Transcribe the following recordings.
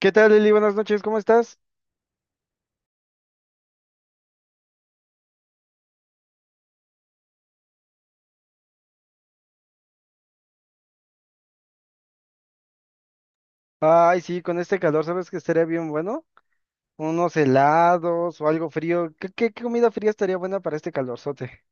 ¿Qué tal, Lili? Buenas noches, ¿cómo estás? Ay, sí, con este calor, ¿sabes que estaría bien bueno? Unos helados o algo frío. ¿Qué comida fría estaría buena para este calorzote?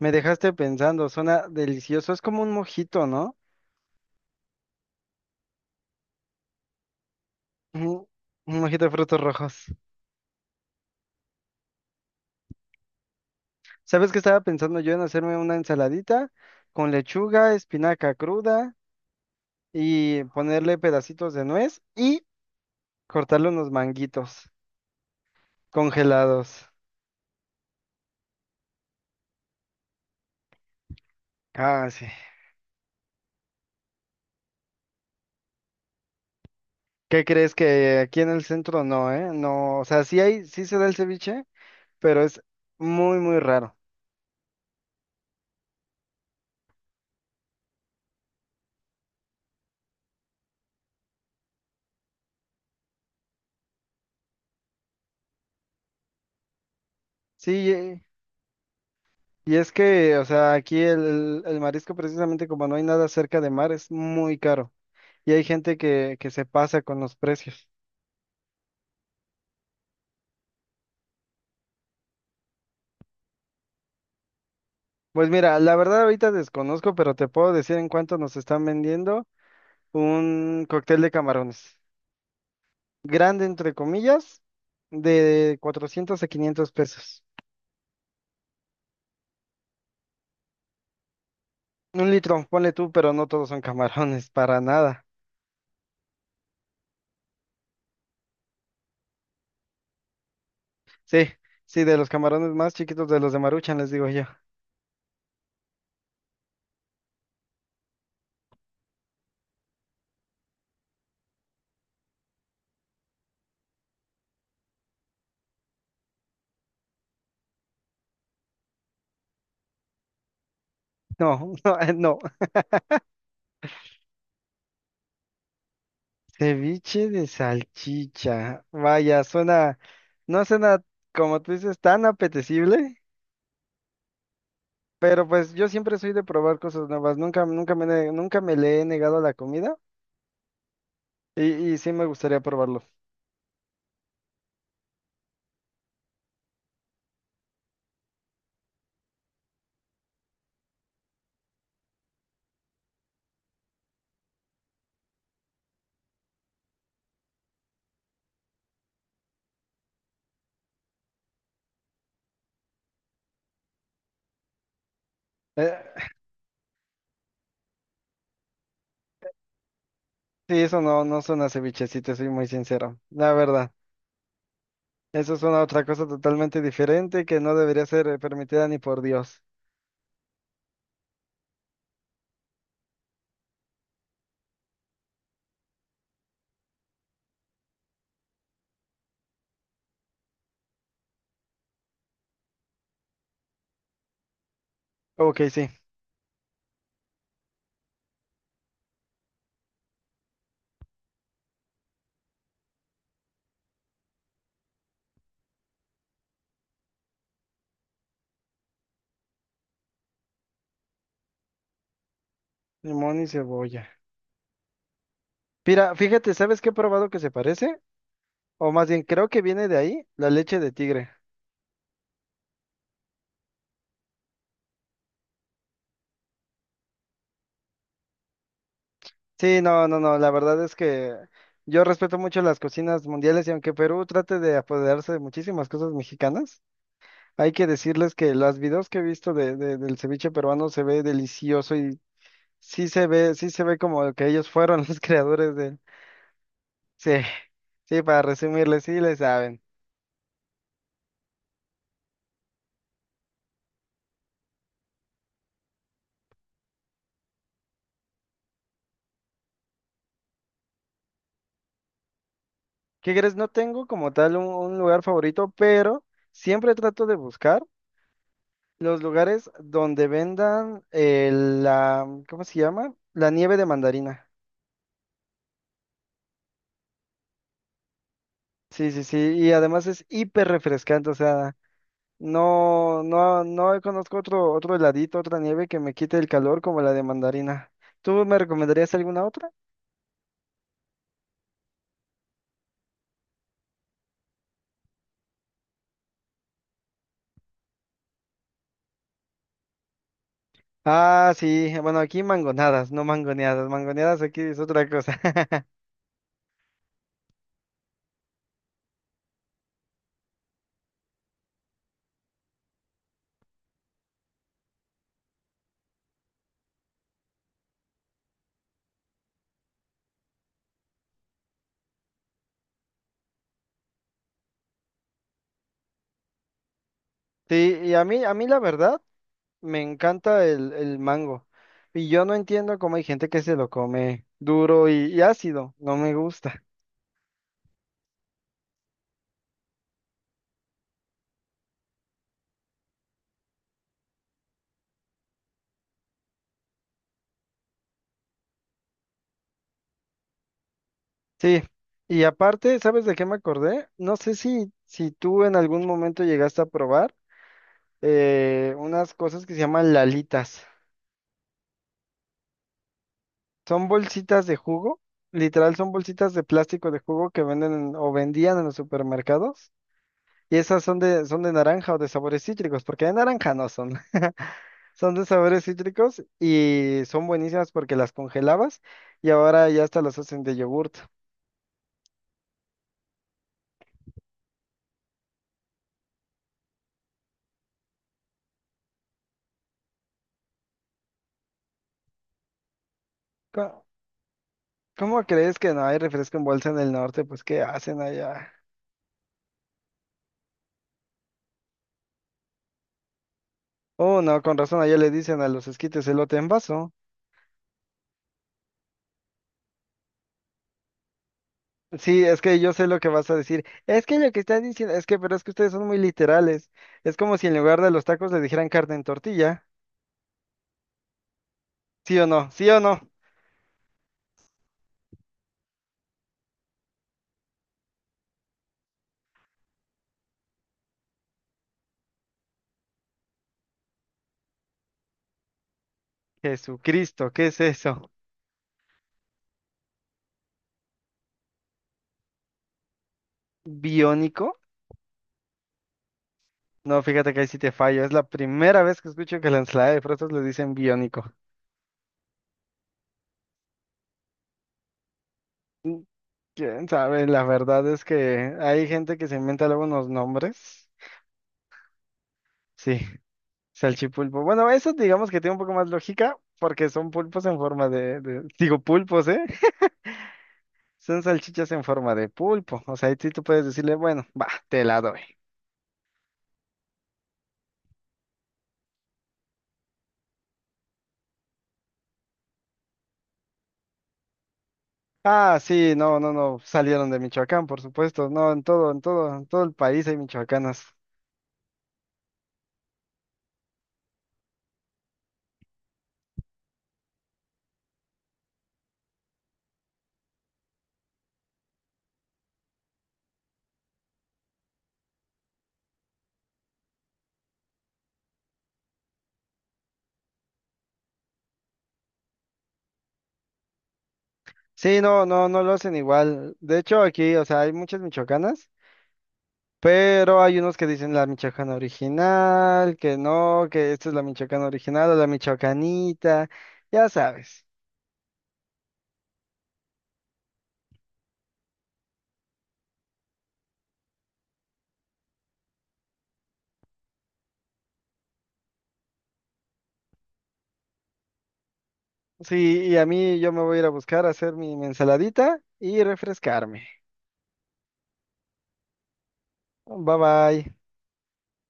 Me dejaste pensando, suena delicioso. Es como un mojito, ¿no? Ujú. Un mojito de frutos rojos. ¿Sabes qué estaba pensando yo en hacerme una ensaladita con lechuga, espinaca cruda y ponerle pedacitos de nuez y cortarle unos manguitos congelados? Ah, sí. ¿Qué crees que aquí en el centro no, eh? No, o sea, sí hay, sí se da el ceviche, pero es muy, muy raro. Sí, y es que, o sea, aquí el marisco precisamente como no hay nada cerca de mar, es muy caro. Y hay gente que se pasa con los precios. Pues mira, la verdad ahorita desconozco, pero te puedo decir en cuánto nos están vendiendo un cóctel de camarones. Grande, entre comillas, de 400 a 500 pesos. Un litro, ponle tú, pero no todos son camarones, para nada. Sí, sí, de los camarones más chiquitos de los de Maruchan, les digo yo. No, no, no. Ceviche de salchicha. Vaya, suena, no suena, como tú dices, tan apetecible, pero pues yo siempre soy de probar cosas nuevas. Nunca, nunca nunca me le he negado a la comida y, y sí me gustaría probarlo. Eh, sí, eso no, no suena a ceviche, si te soy muy sincero. La verdad, eso es una otra cosa totalmente diferente que no debería ser permitida ni por Dios. Ok, sí, limón y cebolla. Mira, fíjate, ¿sabes qué he probado que se parece? O más bien, creo que viene de ahí, la leche de tigre. Sí, no, no, no, la verdad es que yo respeto mucho las cocinas mundiales y aunque Perú trate de apoderarse de muchísimas cosas mexicanas, hay que decirles que los videos que he visto de, del ceviche peruano se ve delicioso y sí se ve como que ellos fueron los creadores de... Sí, sí, para resumirles, sí le saben. ¿Qué crees? No tengo como tal un lugar favorito, pero siempre trato de buscar. Los lugares donde vendan la, ¿cómo se llama? La nieve de mandarina. Sí, sí, sí. Y además es hiper refrescante. O sea, no, no, no conozco otro, otro heladito, otra nieve que me quite el calor como la de mandarina. ¿Tú me recomendarías alguna otra? Ah, sí. Bueno, aquí mangonadas, no mangoneadas. Mangoneadas aquí es otra cosa. Sí, y a mí la verdad. Me encanta el mango. Y yo no entiendo cómo hay gente que se lo come duro y ácido. No me gusta. Sí. Y aparte, ¿sabes de qué me acordé? No sé si, si tú en algún momento llegaste a probar unas cosas que se llaman lalitas. Son bolsitas de jugo. Literal, son bolsitas de plástico de jugo que venden en- o vendían en los supermercados. Y esas son de naranja o de sabores cítricos, porque de naranja no son. Son de sabores cítricos y son buenísimas porque las congelabas y ahora ya hasta las hacen de yogurt. Co- ¿Cómo, crees que no hay refresco en bolsa en el norte? Pues, ¿qué hacen allá? Oh, no, con razón, allá le dicen a los esquites elote en vaso. Sí, es que yo sé lo que vas a decir. Es que lo que están diciendo, es que, pero es que ustedes son muy literales. Es como si en lugar de los tacos le dijeran carne en tortilla. ¿Sí o no? ¿Sí o no? Jesucristo, ¿qué es eso? ¿Biónico? No, fíjate que ahí sí te fallo. Es la primera vez que escucho que la ensalada de frutas le dicen biónico. ¿Quién sabe? La verdad es que hay gente que se inventa luego unos nombres. Sí, salchipulpo. Bueno, eso digamos que tiene un poco más lógica porque son pulpos en forma de, Digo pulpos, ¿eh? Son salchichas en forma de pulpo. O sea, ahí sí tú puedes decirle, bueno, va, te la doy. Ah, sí, no, no, no, salieron de Michoacán, por supuesto. No, en todo, en todo, en todo el país hay michoacanas. Sí, no, no, no lo hacen igual. De hecho, aquí, o sea, hay muchas michoacanas, pero hay unos que dicen la michoacana original, que no, que esta es la michoacana original o la michoacanita, ya sabes. Sí, y a mí yo me voy a ir a buscar a hacer mi ensaladita y refrescarme. Bye bye.